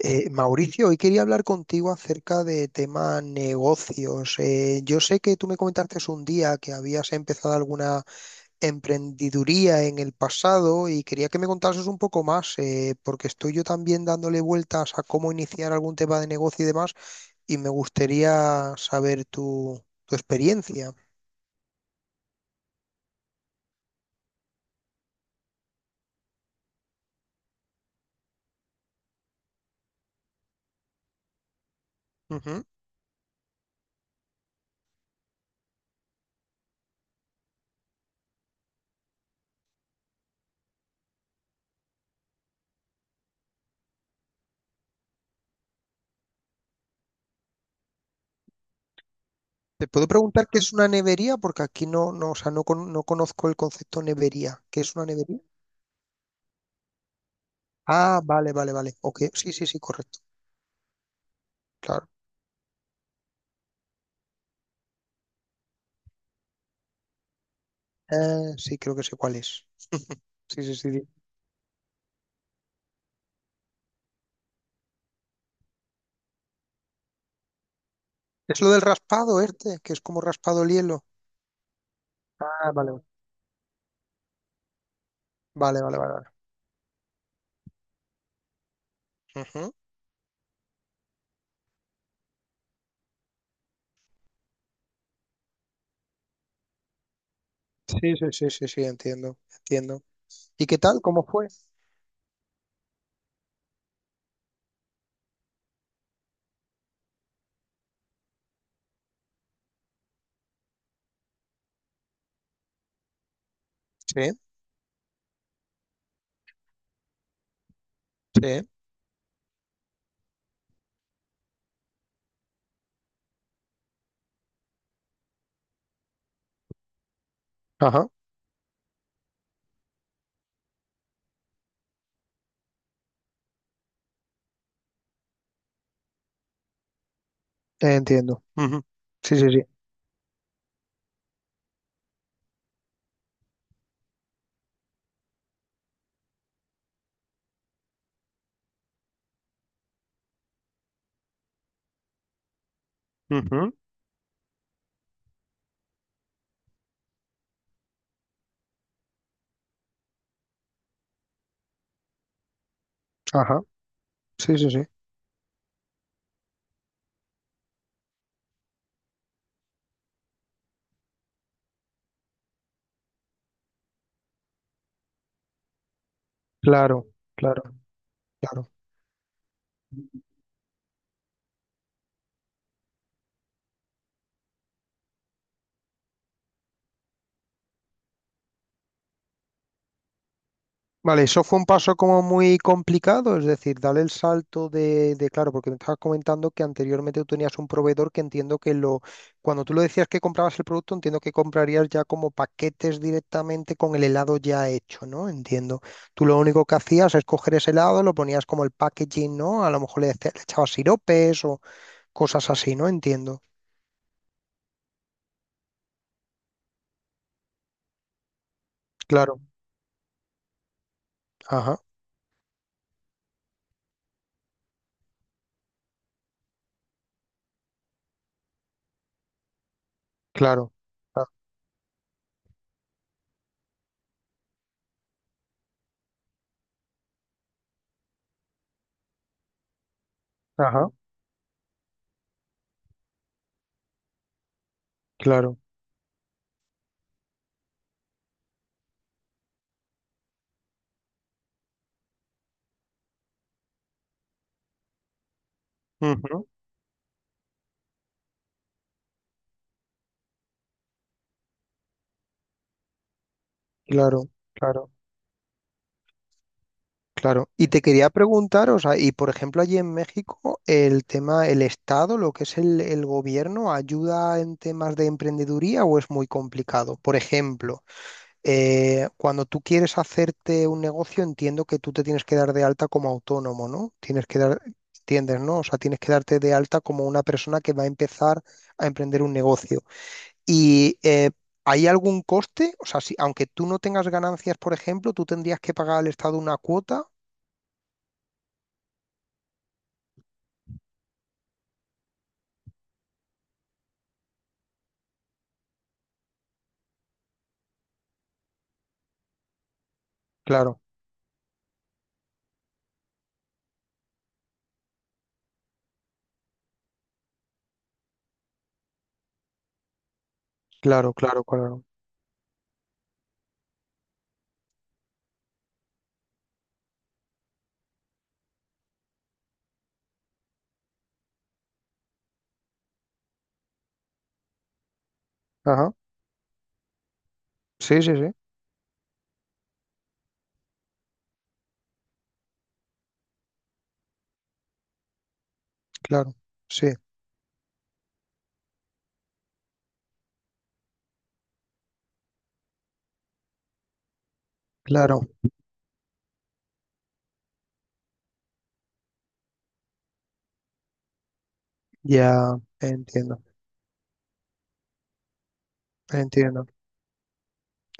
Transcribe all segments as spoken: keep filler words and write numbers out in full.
Eh, Mauricio, hoy quería hablar contigo acerca de tema negocios. Eh, yo sé que tú me comentaste un día que habías empezado alguna emprendiduría en el pasado y quería que me contases un poco más, eh, porque estoy yo también dándole vueltas a cómo iniciar algún tema de negocio y demás, y me gustaría saber tu, tu experiencia. Ujú. ¿Te puedo preguntar qué es una nevería? Porque aquí no, no, o sea, no, con- no conozco el concepto nevería. ¿Qué es una nevería? Ah, vale, vale, vale. Ok, sí, sí, sí, correcto. Claro. Eh, sí, creo que sé cuál es. Sí, sí, sí, sí. Es lo del raspado, este, que es como raspado el hielo. Ah, vale. Vale, vale, vale, vale. Ujú. Sí, sí, sí, sí, sí, entiendo, entiendo. ¿Y qué tal? ¿Cómo fue? Sí, sí. Ajá, entiendo. Ujú. Sí, sí, sí. Ujú. Ajá, sí, sí, sí. Claro, claro, claro. Vale, eso fue un paso como muy complicado, es decir, darle el salto de, de- claro, porque me estabas comentando que anteriormente tú tenías un proveedor que entiendo que lo, cuando tú lo decías que comprabas el producto, entiendo que comprarías ya como paquetes directamente con el helado ya hecho, ¿no? Entiendo. Tú lo único que hacías es coger ese helado, lo ponías como el packaging, ¿no? A lo mejor le, decías- le echabas siropes o cosas así, ¿no? Entiendo. Claro, ajá, claro, a- ajá, claro, ujú, claro, claro. Claro, y te quería preguntar, o sea, y por ejemplo allí en México, el tema, el Estado, lo que es el, el gobierno, ¿ayuda en temas de emprendeduría o es muy complicado? Por ejemplo, eh, cuando tú quieres hacerte un negocio, entiendo que tú te tienes que dar de alta como autónomo, ¿no? Tienes que dar, entiendes, ¿no? O sea, tienes que darte de alta como una persona que va a empezar a emprender un negocio. Y eh, ¿hay algún coste? O sea, si, aunque tú no tengas ganancias, por ejemplo, tú tendrías que pagar al Estado una cuota. Claro. Claro, claro, claro. Ajá. Sí, sí, sí. Claro. Sí, claro. Ya entiendo. Entiendo.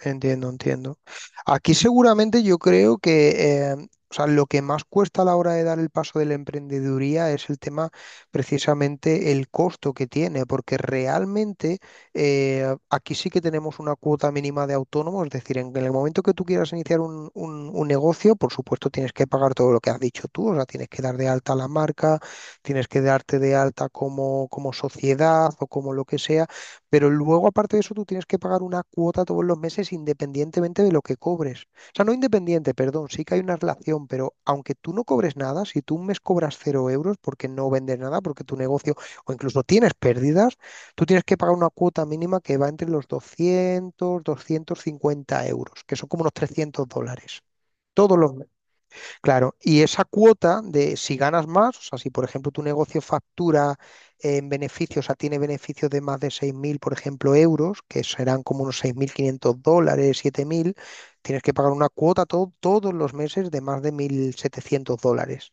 Entiendo, entiendo. Aquí seguramente yo creo que eh, o sea, lo que más cuesta a la hora de dar el paso de la emprendeduría es el tema precisamente el costo que tiene, porque realmente eh, aquí sí que tenemos una cuota mínima de autónomo, es decir, en, en el momento que tú quieras iniciar un, un- un negocio, por supuesto tienes que pagar todo lo que has dicho tú, o sea, tienes que dar de alta la marca, tienes que darte de alta como, como, sociedad o como lo que sea. Pero luego, aparte de eso, tú tienes que pagar una cuota todos los meses independientemente de lo que cobres. O sea, no independiente, perdón, sí que hay una relación, pero aunque tú no cobres nada, si tú un mes cobras cero euros porque no vendes nada, porque tu negocio o incluso tienes pérdidas, tú tienes que pagar una cuota mínima que va entre los doscientos, doscientos cincuenta euros, que son como unos trescientos dólares, todos los. Claro, y esa cuota de si ganas más, o sea, si por ejemplo tu negocio factura en beneficios, o sea, tiene beneficios de más de seis mil, por ejemplo, euros, que serán como unos seis mil quinientos dólares, siete mil, tienes que pagar una cuota to- todos los meses de más de mil setecientos dólares.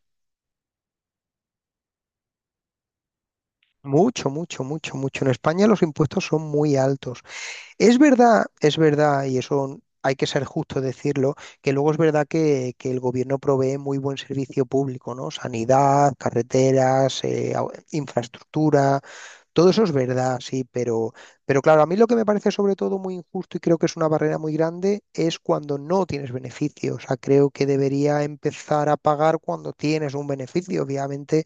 Mucho, mucho, mucho, mucho. En España los impuestos son muy altos. Es verdad, es verdad, y eso hay que ser justo decirlo, que luego es verdad que, que el gobierno provee muy buen servicio público, ¿no? Sanidad, carreteras, eh, au- infraestructura, todo eso es verdad, sí, pero, pero claro, a mí lo que me parece sobre todo muy injusto y creo que es una barrera muy grande es cuando no tienes beneficio. O sea, creo que debería empezar a pagar cuando tienes un beneficio. Obviamente,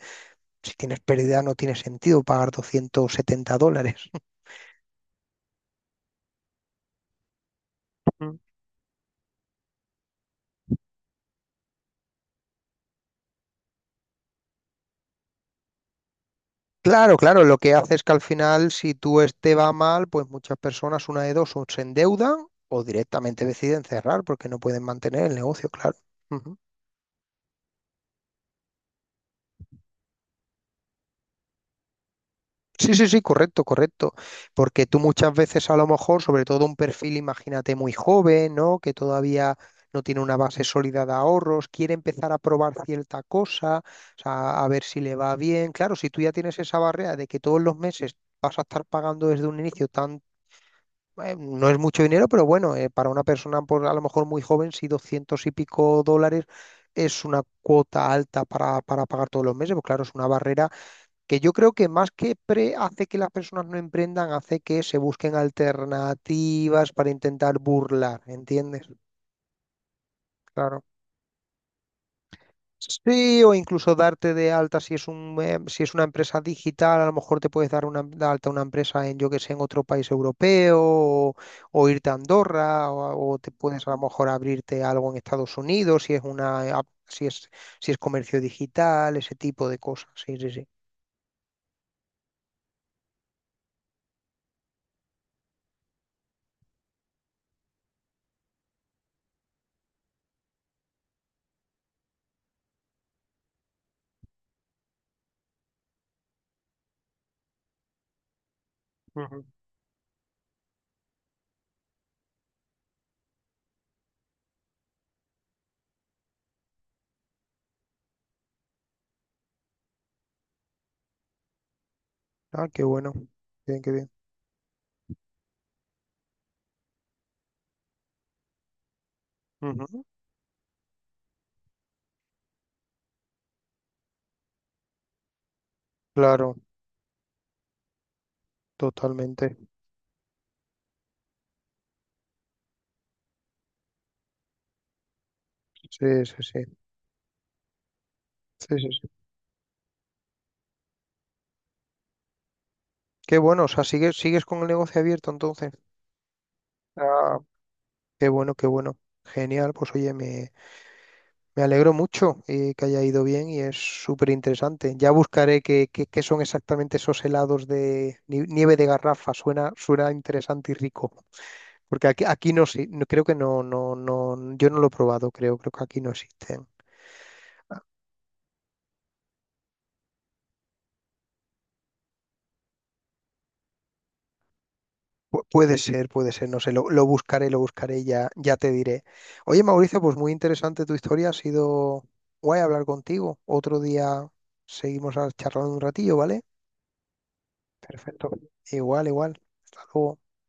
si tienes pérdida no tiene sentido pagar doscientos setenta dólares. Claro, claro, lo que hace es que al final, si tú este va mal, pues muchas personas, una de dos, o se endeudan o directamente deciden cerrar porque no pueden mantener el negocio, claro. Ujú. Sí, sí, sí, correcto, correcto. Porque tú muchas veces a lo mejor, sobre todo un perfil, imagínate, muy joven, ¿no? Que todavía no tiene una base sólida de ahorros, quiere empezar a probar cierta cosa, o sea, a ver si le va bien. Claro, si tú ya tienes esa barrera de que todos los meses vas a estar pagando desde un inicio tanto eh, no es mucho dinero, pero bueno, eh, para una persona por, a lo mejor muy joven, si doscientos y pico dólares es una cuota alta para, para, pagar todos los meses, pues claro, es una barrera que yo creo que más que pre hace que las personas no emprendan, hace que se busquen alternativas para intentar burlar, ¿entiendes? Claro. Sí, o incluso darte de alta si es un, eh, si es una empresa digital, a lo mejor te puedes dar una, de alta una empresa en, yo que sé, en otro país europeo o, o, irte a Andorra o, a- o te puedes a lo mejor abrirte algo en Estados Unidos si es una, eh, ap- si es, si es comercio digital, ese tipo de cosas. Sí, sí, sí. Ujú. Ah, qué bueno. Bien, qué bien. Ujú. Claro, totalmente. Sí, sí, sí. Sí, sí, sí. Qué bueno, o sea, sigues, sigues con el negocio abierto entonces. Ah, qué bueno, qué bueno. Genial, pues oye, me, me alegro mucho eh, que haya ido bien y es súper interesante. Ya buscaré qué, qué- qué son exactamente esos helados de ni- nieve de garrafa. Suena, suena interesante y rico. Porque aquí, aquí no, sé, no creo que no, no, no, yo no lo he probado, creo, creo que aquí no existen. Pu- puede ser, puede ser, no sé, lo, lo buscaré, lo buscaré y ya, ya te diré. Oye, Mauricio, pues muy interesante tu historia, ha sido guay hablar contigo. Otro día seguimos a- charlando un ratillo, ¿vale? Perfecto. Igual, igual. Hasta luego.